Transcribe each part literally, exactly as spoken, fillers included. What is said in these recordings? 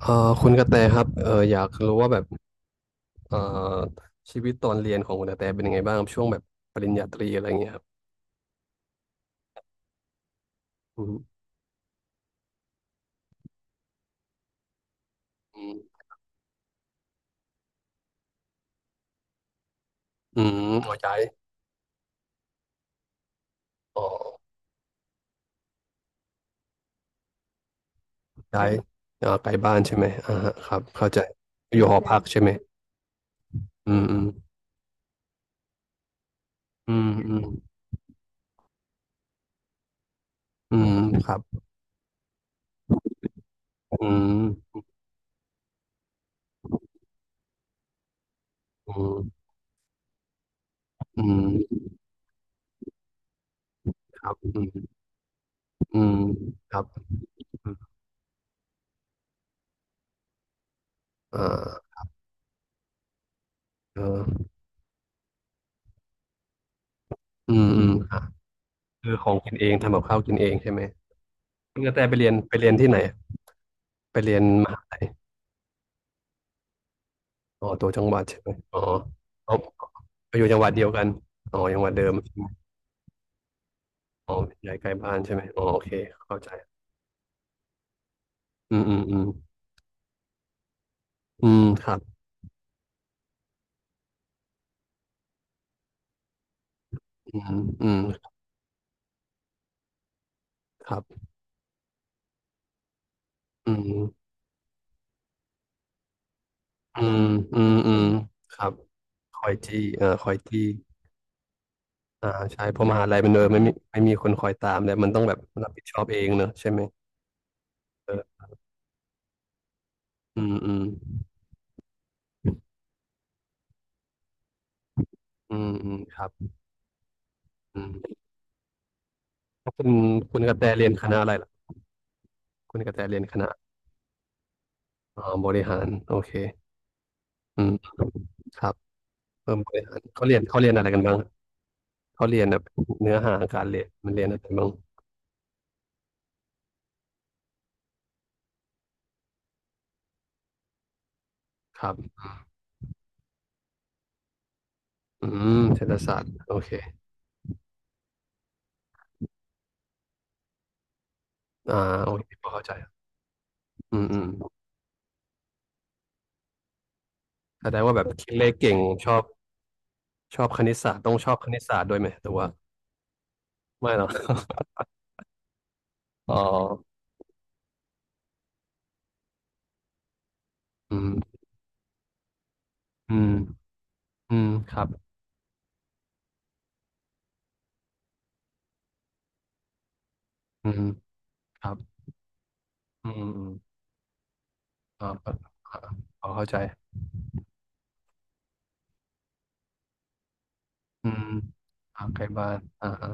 เอ่อคุณกระแตครับเอ่ออยากรู้ว่าแบบเอ่อชีวิตตอนเรียนของคุณกระแตเป็นยังไงบ้างครับช่วงแบบปริญญาตรีอะไรเงี้ยครับอืมอืมอืมอ๋อย้ายอ๋อย้ายอ่าไกลบ้านใช่ไหมอ่าฮะครับเข้าใจอยู่หอพักใช่ไหมอืมอืมอืมอืมอืมครับอืมอืมอืมครับอืมอืมครับอืมอ่าเอออืมอืมอ่ะคือของกินเองทำกับข้าวกินเองใช่ไหมคุณกระแตไปเรียนไปเรียนที่ไหนไปเรียนมหาลัย อ๋อตัวจังหวัดใช่ไหมอ๋ออ๋ออยู่จังหวัดเดียวกันอ๋อจังหวัดเดิมอ๋อใหญ่ใกล้บ้านใช่ไหมอ๋อโอเคเข้าใจอืมอืมอืมอืมครับอืมอืมครับอืมอืมอืมอืมครับคอยจี้เอ่อคอยจี้อ่าใช่เพราะมหาลัยมันเออไม่มีไม่มีคนคอยตามแล้วมันต้องแบบรับผิดชอบเองเนอะใช่ไหมเอออืมอืมอืมอืมครับอืมแล้วคุณคุณกระแตเรียนคณะอะไรล่ะคุณกระแตเรียนคณะอ๋อบริหารโอเค อืมครับเพิ่มบริหารเขาเรียนเขาเรียนอะไรกันบ้างครับเขาเรียนแบบเนื้อหาการเรียนมันเรียนอะไรบ้างครับอืมเศรษฐศาสตร์โอเคอ่าโอเคพอเข้าใจครับอืมอืมแสดงว่าแบบคิดเลขเก่งชอบชอบคณิตศาสตร์ต้องชอบคณิตศาสตร์ด้วยไหมหรือว่าไม่หรอก อ๋ออืมอืมอืมครับอืมครับอืมอืมอ่าอ่าพอเข้าใจอืมทางไกลบ้านอ่าฮะ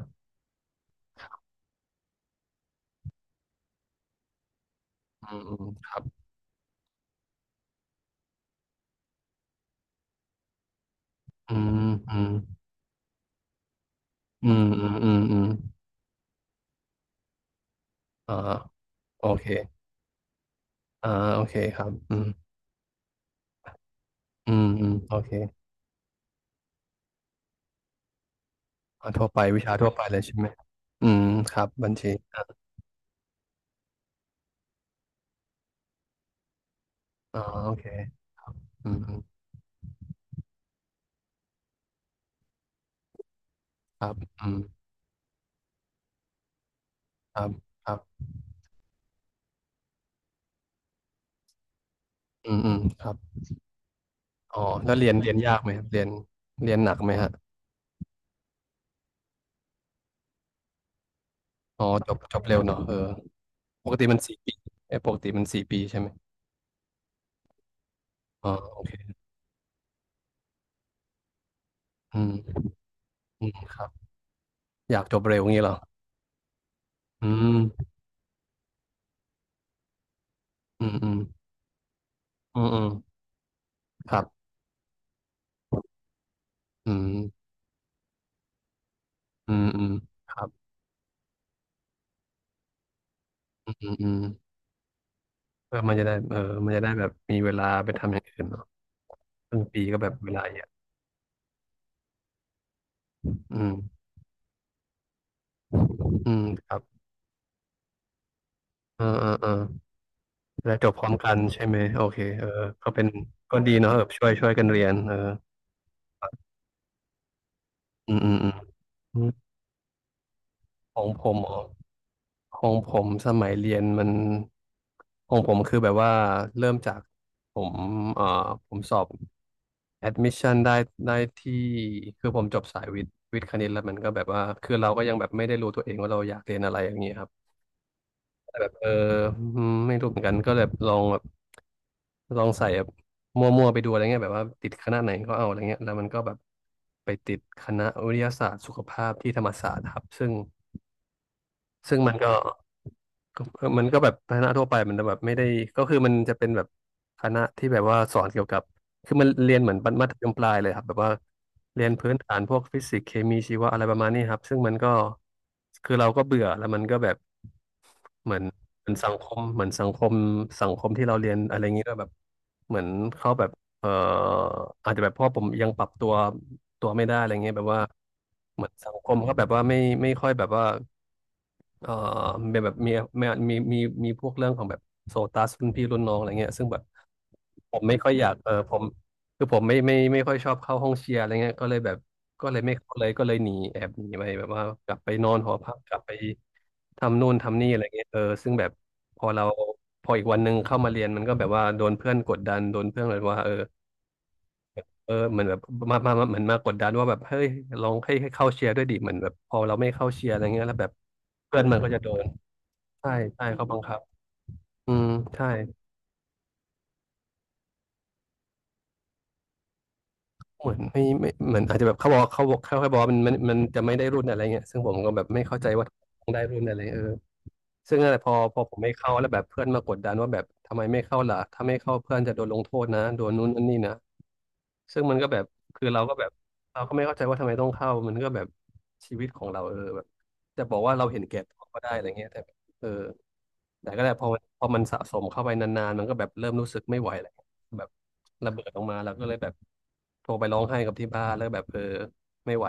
อืมอืมครับอืมอืมอืมอืมอืมอืมอ่า โอเคอ่าโอเคครับอืมอืมอืมโอเคอ่าทั่วไปวิชาทั่วไปเลยใช่ไหมอืมครับบัญชีอ๋อโอเคอืมอืมครับอืมครับครับอืมอืมครับอ๋อแล้วเรียนเรียนยากไหมครับเรียนเรียนหนักไหมฮะอ๋อจบจบเร็วเนอะเออปกติมันสี่ปีเอ้ยปกติมันสี่ปีใช่ไหมอ๋อโอเคอืมอืมครับอยากจบเร็วงี้เหรออืมอืมอืมอืมอืมครับอืมอืมอืมครับอืมอืม เออมันจะได้เออมันจะได้แบบมีเวลาไปทำอย่างอื่นเนาะครึ่งปีก็แบบเวลาเยอะอืมอืมครับเออเออเออแล้วจบพร้อมกันใช่ไหมโอเคเออก็เป็นก็ดีเนาะแบบช่วยช่วยกันเรียนเอออืมอืมอืมอืมของผมอ๋อของผมสมัยเรียนมันของผมคือแบบว่าเริ่มจากผมเอ่อผมสอบ admission ได้ได้ที่คือผมจบสายวิทย์วิทย์คณิตแล้วมันก็แบบว่า คือเราก็ยังแบบไม่ได้รู้ตัวเองว่าเราอยากเรียนอะไรอย่างเงี้ยครับ แต่แบบเอออืมไม่รู้เหมือนกันก็แบบลองแบบลองใส่แบบมั่วๆไปดูอะไรเงี้ยแบบว่าติดคณะไหนก็เอาอะไรเงี้ยแล้วมันก็แบบไปติดคณะวิทยาศาสตร์สุขภาพที่ธรรมศาสตร์ครับซึ่ง ซึ่งมันก็ก็เออมันก็แบบคณะทั่วไปมันแบบไม่ได้ก็คือมันจะเป็นแบบคณะที่แบบว่าสอนเกี่ยวกับคือมันเรียนเหมือนมัธยมปลายเลยครับแบบว่าเรียนพื้นฐานพวกฟิสิกส์เคมีชีวะอะไรประมาณนี้ครับซึ่งมันก็คือเราก็เบื่อแล้วมันก็แบบเหมือนเหมือนสังคมเหมือนสังคมสังคมที่เราเรียนอะไรอย่างนี้ด้วยแบบเหมือนเขาแบบเอ่ออาจจะแบบเพราะผมยังปรับตัวตัวไม่ได้อะไรเงี้ยแบบว่าเหมือนสังคมก็แบบว่าไม่ไม่ค่อยแบบว่า เอ่อมเป็นแบบมีมีมีมีมีพวกเรื่องของแบบโซตัสรุ่นพี่รุ่นน้องอะไรเงี้ยซึ่งแบบผมไม่ค่อยอยากเออผมคือผมไม่ไม่ไม่ค่อยชอบเข้าห้องเชียร์อะไรเงี้ยก็เลยแบบก็เลยไม่เข้าเลยก็เลยหนีแอบหนีไปแบบว่ากลับไปนอนหอพักกลับไปทำนู่นทำนี่อะไรเงี้ยเออซึ่งแบบพอเราพออีกวันหนึ่งเข้ามาเรียนมันก็แบบว่าโดนเพื่อนกดดันโดนเพื่อนแบบว่าเออเออเหมือนแบบมามามาเหมือนมากดดันว่าแบบเฮ้ยลองให้ให้เข้าเชียร์ด้วยดิเหมือนแบบพอเราไม่เข้าเชียร์อะไรเงี้ยแล้วแบบเพื่อนมันก็จะโดน ใช่ใช่เขาบังคับอืมใช่เหมือนไม่ไม่เหมือนอาจจะแบบเขาบอกเขาบอกเขาแค่บอกว่ามันมันมันจะไม่ได้รุ่นอะไรเงี้ยซึ่งผมก็แบบไม่เข้าใจว่าต้องได้รุ่นอะไรเออซึ่งอะไรพอพอผมไม่เข้าแล้วแบบเพื่อนมากดดันว่าแบบทำไมไม่เข้าล่ะถ้าไม่เข้าเพื่อนจะโดนลงโทษนะโดนนู้นนั่นนี่นะซึ่งมันก็แบบคือเราก็แบบเราก็ไม่เข้าใจว่าทำไมต้องเข้ามันก็แบบชีวิตของเราเออแบบจะบอกว่าเราเห็นแก่ตัวก็ได้อะไรเงี้ยแต่แบบเออแต่ก็แหละพอมันพอมันสะสมเข้าไปนานๆมันก็แบบเริ่มรู้สึกไม่ไหวแล้วแบบ ระเบิดออกมาแล้วก็เลยแบบโทรไปร้องไห้กับที่บ้านแล้วแบบเออไม่ไหว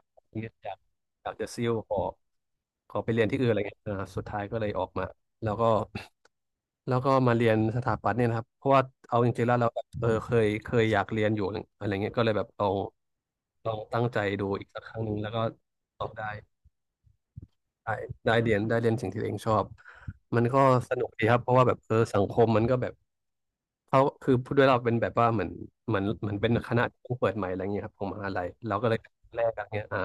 อยากอยากจะซิ่วขอขอไปเรียนที่อื่นอะไรเงี้ยเอ่สุดท้ายก็เลยออกมาแล้วก็แล้วก็มาเรียนสถาปัตย์เนี่ยนะครับเพราะว่าเอาจริงๆแล้วเราแบบเออเคยเคยอยากเรียนอยู่อะไรเงี้ยก็เลยแบบลองลองตั้งใจดูอีกสักครั้งหนึ่งแล้วก็สอบได้ ได้ได้เรียนได้เรียนสิ่งที่ตัวเองชอบมันก็สนุกดีครับเพราะว่าแบบเออสังคมมันก็แบบเขาคือพูดด้วยเราเป็นแบบว่าเหมือนเหมือนเหมือนเป็นคณะที่เพิ่งเปิดใหม่อะไรเงี้ยครับของมหาลัยเราก็เลยแรกอะไรเงี้ยอ่า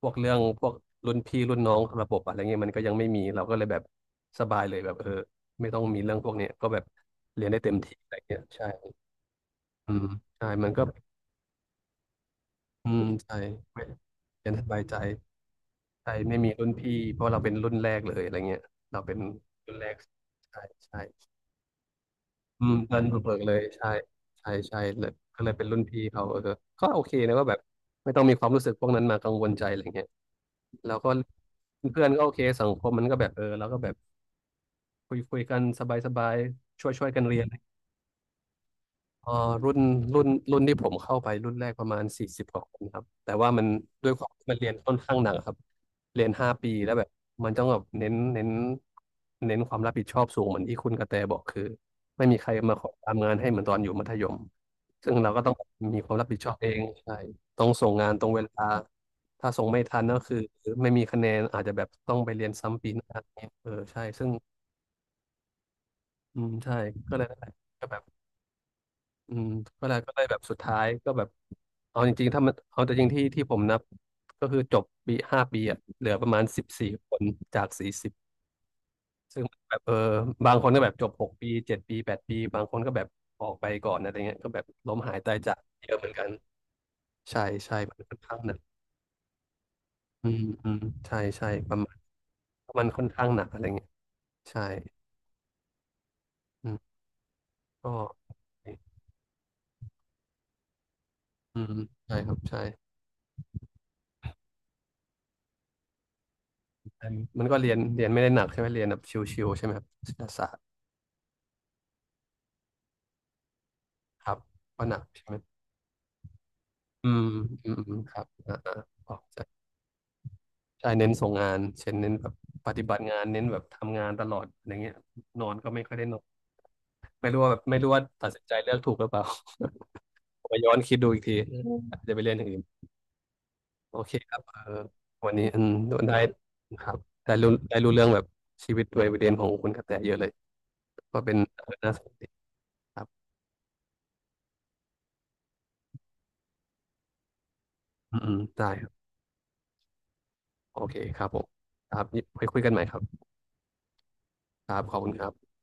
พวกเรื่องพวกรุ่นพี่รุ่นน้องระบบอะไรเงี้ยมันก็ยังไม่มีเราก็เลยแบบสบายเลยแบบเออไม่ต้องมีเรื่องพวกเนี้ยก็แบบเรียนได้เต็มที่อะไรเงี้ยใช่อืมใช่มันก็อืมใช่เรียนสบายใจ ใช่ไม่มีรุ่นพี่เพราะเราเป็นรุ่นแรกเลยอะไรเงี้ยเราเป็นรุ่นแรกใช่ใช่อืมดันบุกเบิกเลยใช่ใช่ใช่เลยก็เลยเป็นรุ่นพี่เขาเออก็โอเคนะว่าแบบไม่ต้องมีความรู้สึกพวกนั้นมากังวลใจอะไรเงี้ยแล้วก็เพื่อนๆก็โอเคสังคมมันก็แบบเออเราก็แบบคุยคุยกันสบายสบายช่วยช่วยกันเรียน เอ่อรุ่นรุ่นรุ่นที่ผมเข้าไปรุ่นแรกประมาณสี่สิบกว่าคนครับแต่ว่ามันด้วยความที่มันเรียนค่อนข้างหนักครับเรียนห้าปีแล้วแบบมันต้องแบบเน้นเน้นเน้นความรับผิดชอบสูงเหมือนที่คุณกระแตบอกคือไม่มีใครมาขอทำงานให้เหมือนตอนอยู่มัธยมซึ่งเราก็ต้องมีความรับผิดชอบเองใช่ต้องส่งงานตรงเวลาถ้าส่งไม่ทันก็คือไม่มีคะแนนอาจจะแบบต้องไปเรียนซ้ำปีหน้าเนี่ยเออใช่ซึ่งอืมใช่ก็เลยนั่นแหละก็แบบ อืมก็เลยก็เลยแบบสุดท้ายก็แบบเอาจริงๆถ้ามันเอาแต่จริงที่ที่ผมนับก็คือจบปีห้าปีอะเหลือประมาณสิบสี่คนจากสี่สิบซึ่งแบบเออบางคนก็แบบจบหกปีเจ็ดปีแปดปีบางคนก็แบบออกไปก่อนอะไรเงี้ยก็แบบล้มหายตายจากเยอะเหมือนกันใช่ใช่มันค่อนข้างหนักอืมอืมใช่ใช่ประมาณมันค่อนข้างหนักอะไรเงี้ยใช่อืมก็อืมใช่ครับใช่มันก็เรียนเรียนไม่ได้หนักใช่ไหมเรียนแบบชิวๆใช่ไหมครับศิลปศาสตร์ ครับว่าหนักใช่ไหมอืมอืมอืมครับอ่าอ่าออกใช่ใช่เน้นส่งงานเช่นเน้นแบบปฏิบัติงานเน้นแบบทำงานตลอดอะไรเงี้ยนอนก็ไม่ค่อยได้นอนไม่รู้ว่าแบบไม่รู้ว่าตัดสินใจเลือกถูกหรือเปล่า มาย้อนคิดดูอีกทีอืมอาจจะไปเรียนอย่างอื่นโอเคครับเออวันนี้อืมได้ครับได้รู้ได้รู้เรื่องแบบชีวิตวัยเรียนของคุณกระแตเยอะเลยก็เป็นเรื่องน่าสนใจครับอืมอืมได้ครับโอเคครับผมครับไว้คุยกันใหม่ครับครับขอบคุณครับ